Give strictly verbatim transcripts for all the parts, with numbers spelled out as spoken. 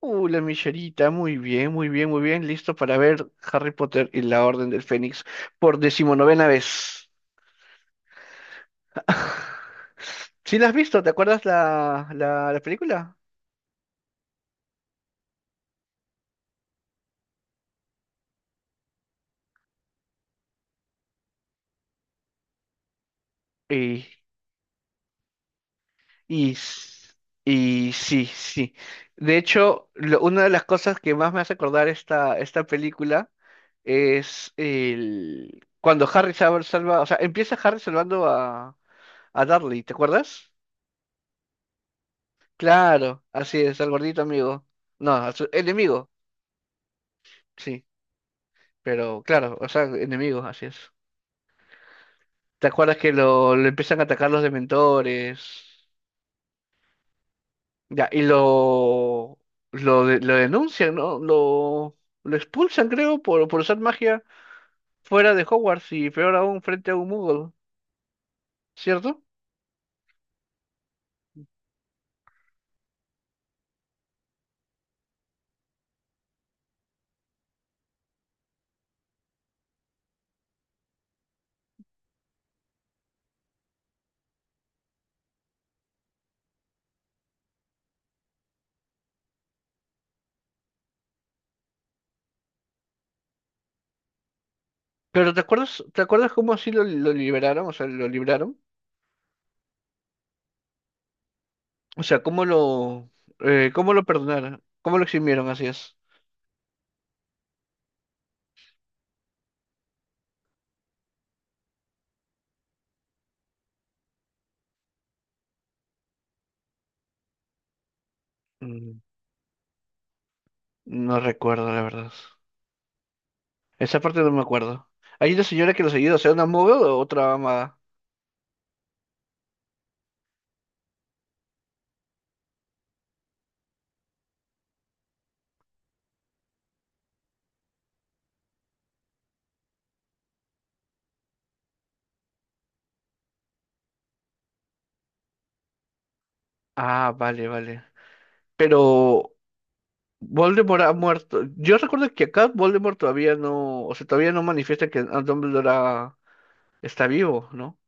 Uh, la Michelita, muy bien, muy bien, muy bien. Listo para ver Harry Potter y la Orden del Fénix por decimonovena vez. ¿Sí la has visto? ¿Te acuerdas la, la, la película? Y, y, s- y sí, sí. De hecho, lo- una de las cosas que más me hace acordar esta, esta película es el, cuando Harry salva, salva- o sea, empieza Harry salvando a, a Dudley, ¿te acuerdas? Claro, así es, al gordito amigo. No, a su- enemigo, sí, pero claro, o sea, enemigo, así es. ¿Te acuerdas que lo, lo empiezan a atacar los dementores? Ya, y lo, lo, de- lo denuncian, ¿no? Lo, lo expulsan, creo, por, por usar magia fuera de Hogwarts y peor aún frente a un Muggle, ¿cierto? Pero ¿te acuerdas, te acuerdas cómo así lo, lo liberaron? O sea, lo libraron. O sea, ¿cómo lo, eh, cómo lo perdonaron? ¿Cómo lo eximieron? Así es. No recuerdo, la verdad. Esa parte no me acuerdo. ¿Hay una señora que los ayuda, o sea, una maga o otra maga? Ah, vale, vale. Pero Voldemort ha muerto. Yo recuerdo que acá Voldemort todavía no, o sea, todavía no manifiesta que Dumbledore ha- está vivo, ¿no?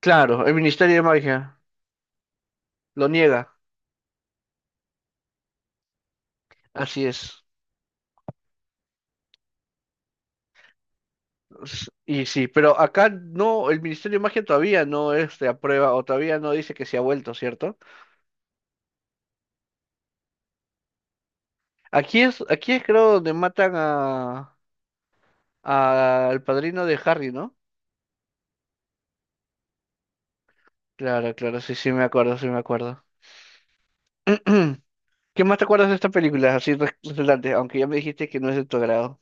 Claro, el Ministerio de Magia lo niega. Así es. S- Y sí, pero acá no, el Ministerio de Magia todavía no este, aprueba o todavía no dice que se ha vuelto, ¿cierto? Aquí es, aquí es creo donde matan a Al padrino de Harry, ¿no? Claro, claro, sí, sí me acuerdo, sí me acuerdo. ¿Qué más te acuerdas de esta película? Así re- resaltante, aunque ya me dijiste que no es de tu agrado.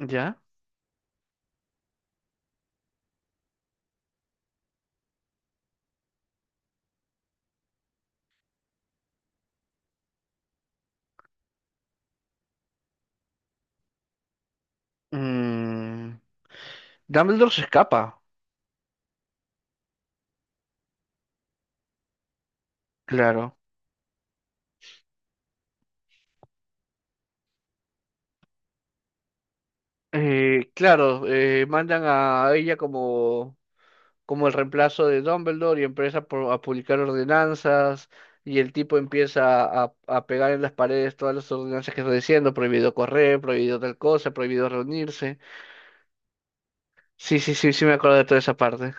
¿Ya? Mm, Dumbledore se escapa, claro. Eh, claro, eh, mandan a ella como, como el reemplazo de Dumbledore y empieza por- a publicar ordenanzas y el tipo empieza a, a, pegar en las paredes todas las ordenanzas que está diciendo, prohibido correr, prohibido tal cosa, prohibido reunirse. Sí, sí, sí, sí me acuerdo de toda esa parte.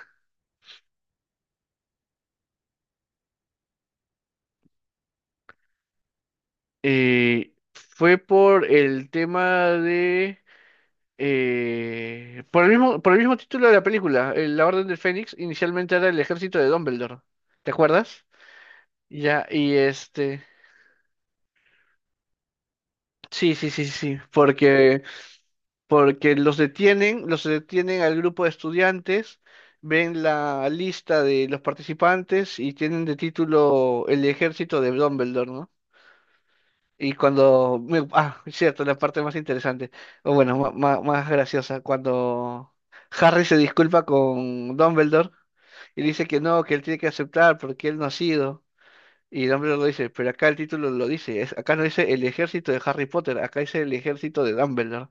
Eh, fue por el tema de, eh, por el mismo, por el mismo título de la película, eh, La Orden del Fénix, inicialmente era el ejército de Dumbledore. ¿Te acuerdas? Ya, y este... sí, sí, sí, sí, porque, porque los detienen, los detienen al grupo de estudiantes, ven la lista de los participantes y tienen de título el ejército de Dumbledore, ¿no? Y cuando, me- ah, cierto, la parte más interesante, o bueno, ma- ma- más graciosa, cuando Harry se disculpa con Dumbledore y dice que no, que él tiene que aceptar porque él no ha sido. Y Dumbledore lo dice, pero acá el título lo dice, es- acá no dice el ejército de Harry Potter, acá dice el ejército de Dumbledore.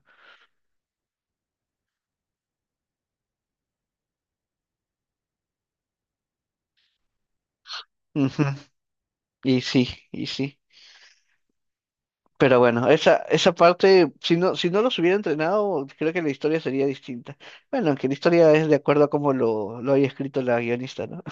Ujú, y sí, y sí. Pero bueno, esa, esa parte, si no, si no, los hubiera entrenado, creo que la historia sería distinta. Bueno, aunque la historia es de acuerdo a cómo lo, lo haya escrito la guionista, ¿no?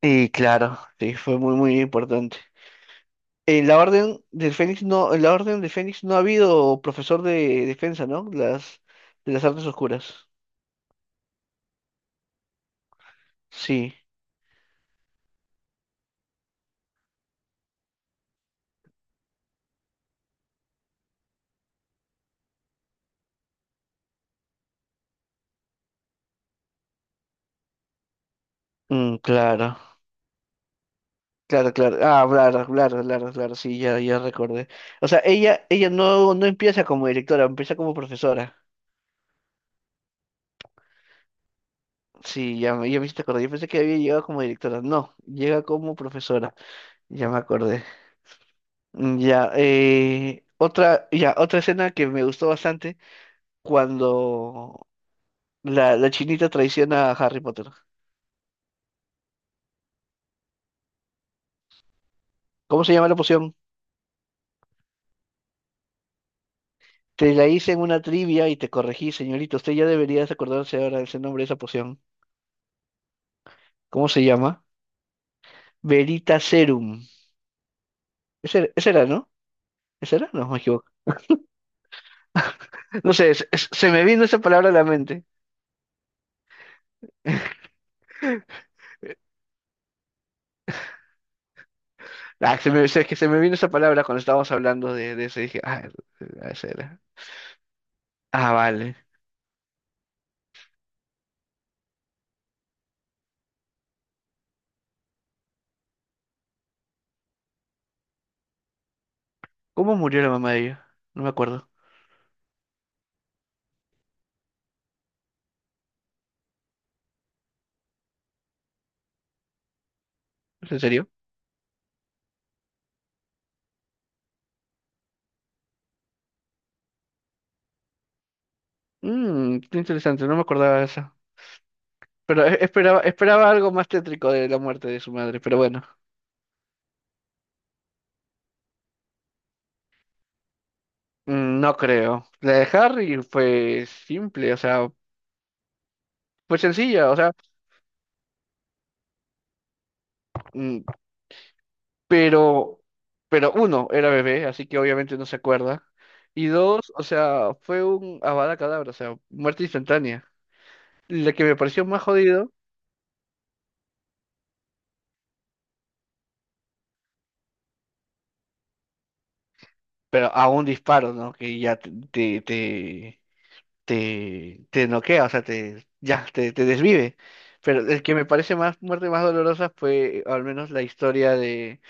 Y claro, sí, fue muy, muy importante. En la Orden del Fénix no, en la Orden del Fénix no ha habido profesor de defensa, ¿no? Las, de las artes oscuras. Sí, mm, claro, claro, claro. Ah, claro, claro, claro, claro, sí, ya, ya recordé. O sea, ella, ella no, no empieza como directora, empieza como profesora. Sí, ya, me- ya me hiciste acordar. Yo pensé que había llegado como directora. No, llega como profesora. Ya me acordé. Mm, Ya, eh, otra, ya, otra escena que me gustó bastante cuando la, la chinita traiciona a Harry Potter. ¿Cómo se llama la poción? Te la hice en una trivia y te corregí, señorita. Usted ya debería acordarse ahora ese nombre de esa poción. ¿Cómo se llama? Verita Serum. Ese, era- ese era, ¿no? ¿Ese era? No, me equivoco. No sé, es- es- se me vino esa palabra a la mente. Ah, se me, es que se me vino esa palabra cuando estábamos hablando de, de eso. Y dije, ah, ah, ese era. Ah, vale. ¿Cómo murió la mamá de ella? No me acuerdo. ¿Es en serio? Mmm, qué interesante, no me acordaba de esa. Pero e- esperaba, esperaba algo más tétrico de la muerte de su madre, pero bueno, mm, no creo. La de Harry fue simple, o sea, fue sencilla, o sea, mm, pero, pero uno, era bebé, así que obviamente no se acuerda. Y dos, o sea, fue un avada cadabra, o sea, muerte instantánea. La que me pareció más jodido, pero a un disparo, ¿no? Que ya te, te, te, te, te noquea, o sea, te, ya, te, te desvive. Pero el que me parece más muerte más dolorosa fue al menos la historia de,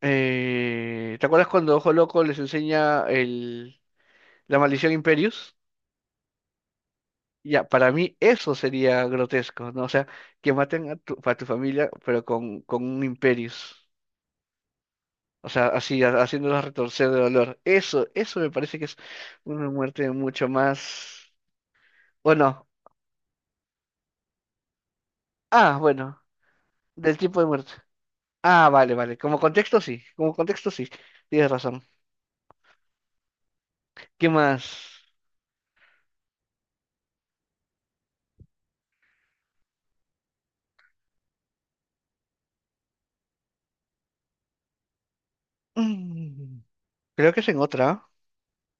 eh, ¿te acuerdas cuando Ojo Loco les enseña el, la maldición Imperius? Ya, para mí eso sería grotesco, ¿no? O sea, que maten a tu, a tu, familia, pero con, con un Imperius. O sea, así, ha- haciéndolos retorcer de dolor. Eso, eso me parece que es una muerte mucho más. Bueno, ah, bueno, del tipo de muerte. Ah, vale, vale. Como contexto, sí. Como contexto, sí. Tienes razón. ¿Qué más? Mm, creo que es en otra,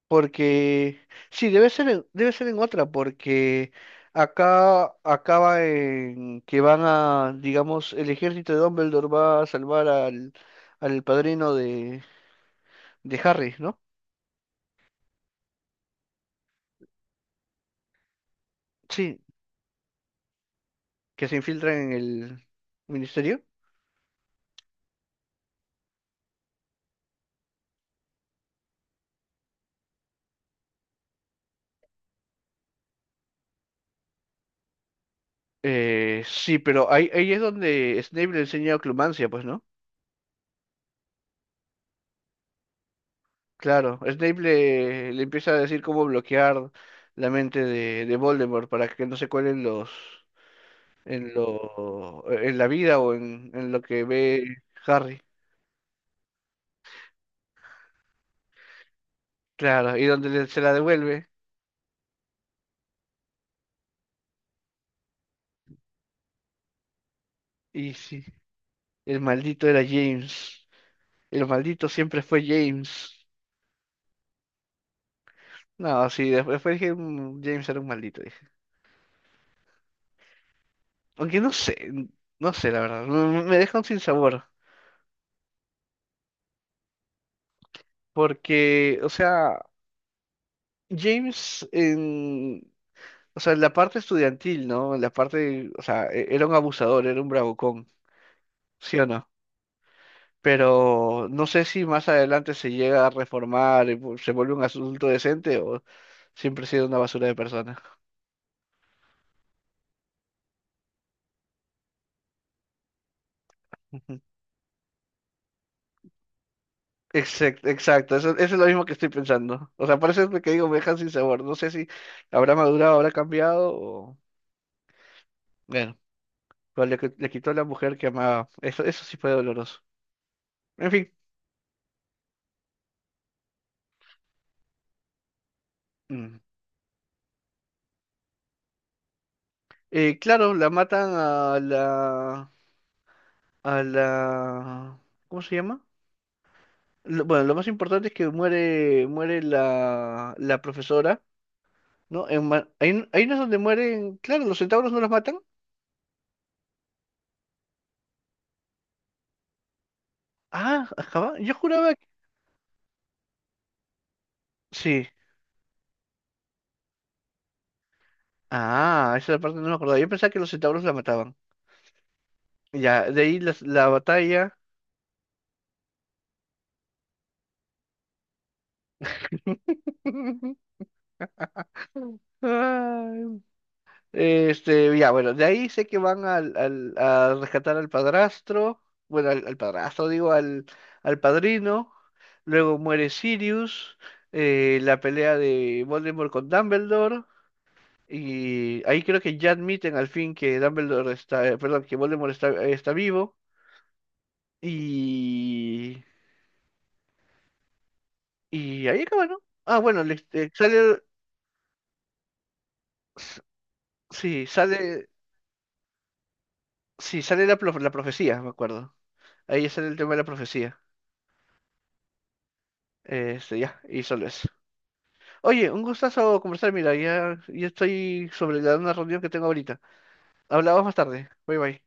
porque, sí, debe ser en, debe ser en otra, porque acá acaba en que van a, digamos, el ejército de Dumbledore va a salvar al, al padrino de, de Harry, ¿no? Sí, que se infiltran en el ministerio. Eh, sí, pero ahí, ahí es donde Snape le enseña a Clumancia, pues, ¿no? Claro, Snape le, le empieza a decir cómo bloquear la mente de, de Voldemort para que no se cuelen los en lo en la vida o en, en lo que ve Harry. Claro, y donde le- se la devuelve. Y sí, el maldito era James. El maldito siempre fue James. No, sí, después, después dije, "Mm, James era un maldito", dije. Aunque no sé, n- no sé, la verdad. Me, me deja un sinsabor. Porque, o sea, James. O sea, en la parte estudiantil, ¿no? En la parte, o sea, e- era un abusador, era un bravucón, ¿sí o no? Pero no sé si más adelante se llega a reformar, y vu- se vuelve un adulto decente o siempre ha sido una basura de persona. Exacto, exacto, eso, eso es lo mismo que estoy pensando. O sea, por eso es lo que digo, me dejan sin sabor. No sé si habrá madurado, habrá cambiado o. Bueno, pero le, qui- le quitó a la mujer que amaba. Eso, eso sí fue doloroso. En fin. Mm. Eh, claro, la matan a la, a la, ¿cómo se llama? Lo- bueno, lo más importante es que muere, muere la, la profesora, ¿no? En, ma- ahí, ahí no es donde mueren. Claro, los centauros no los matan. Ah, Azkaban. Yo juraba que. Sí. Ah, esa parte no me acordaba. Yo pensaba que los centauros la mataban. Ya, de ahí las- la batalla. Ay, Este, ya, bueno, de ahí sé que van al, al- a rescatar al padrastro, bueno, al, al padrastro, digo, al, al padrino, luego muere Sirius, eh, la pelea de Voldemort con Dumbledore, y ahí creo que ya admiten al fin que Dumbledore está, eh, perdón, que Voldemort está, está vivo, y, y ahí acaba, ¿no? Ah, bueno, le- eh, sale, s- sí, sale, sí, sale la, prof- la profecía, me acuerdo, ahí sale el tema de la profecía. Este, ya, y solo eso. Oye, un gustazo conversar. Mira, ya, ya, estoy sobre la una reunión que tengo ahorita. Hablamos más tarde. Bye bye.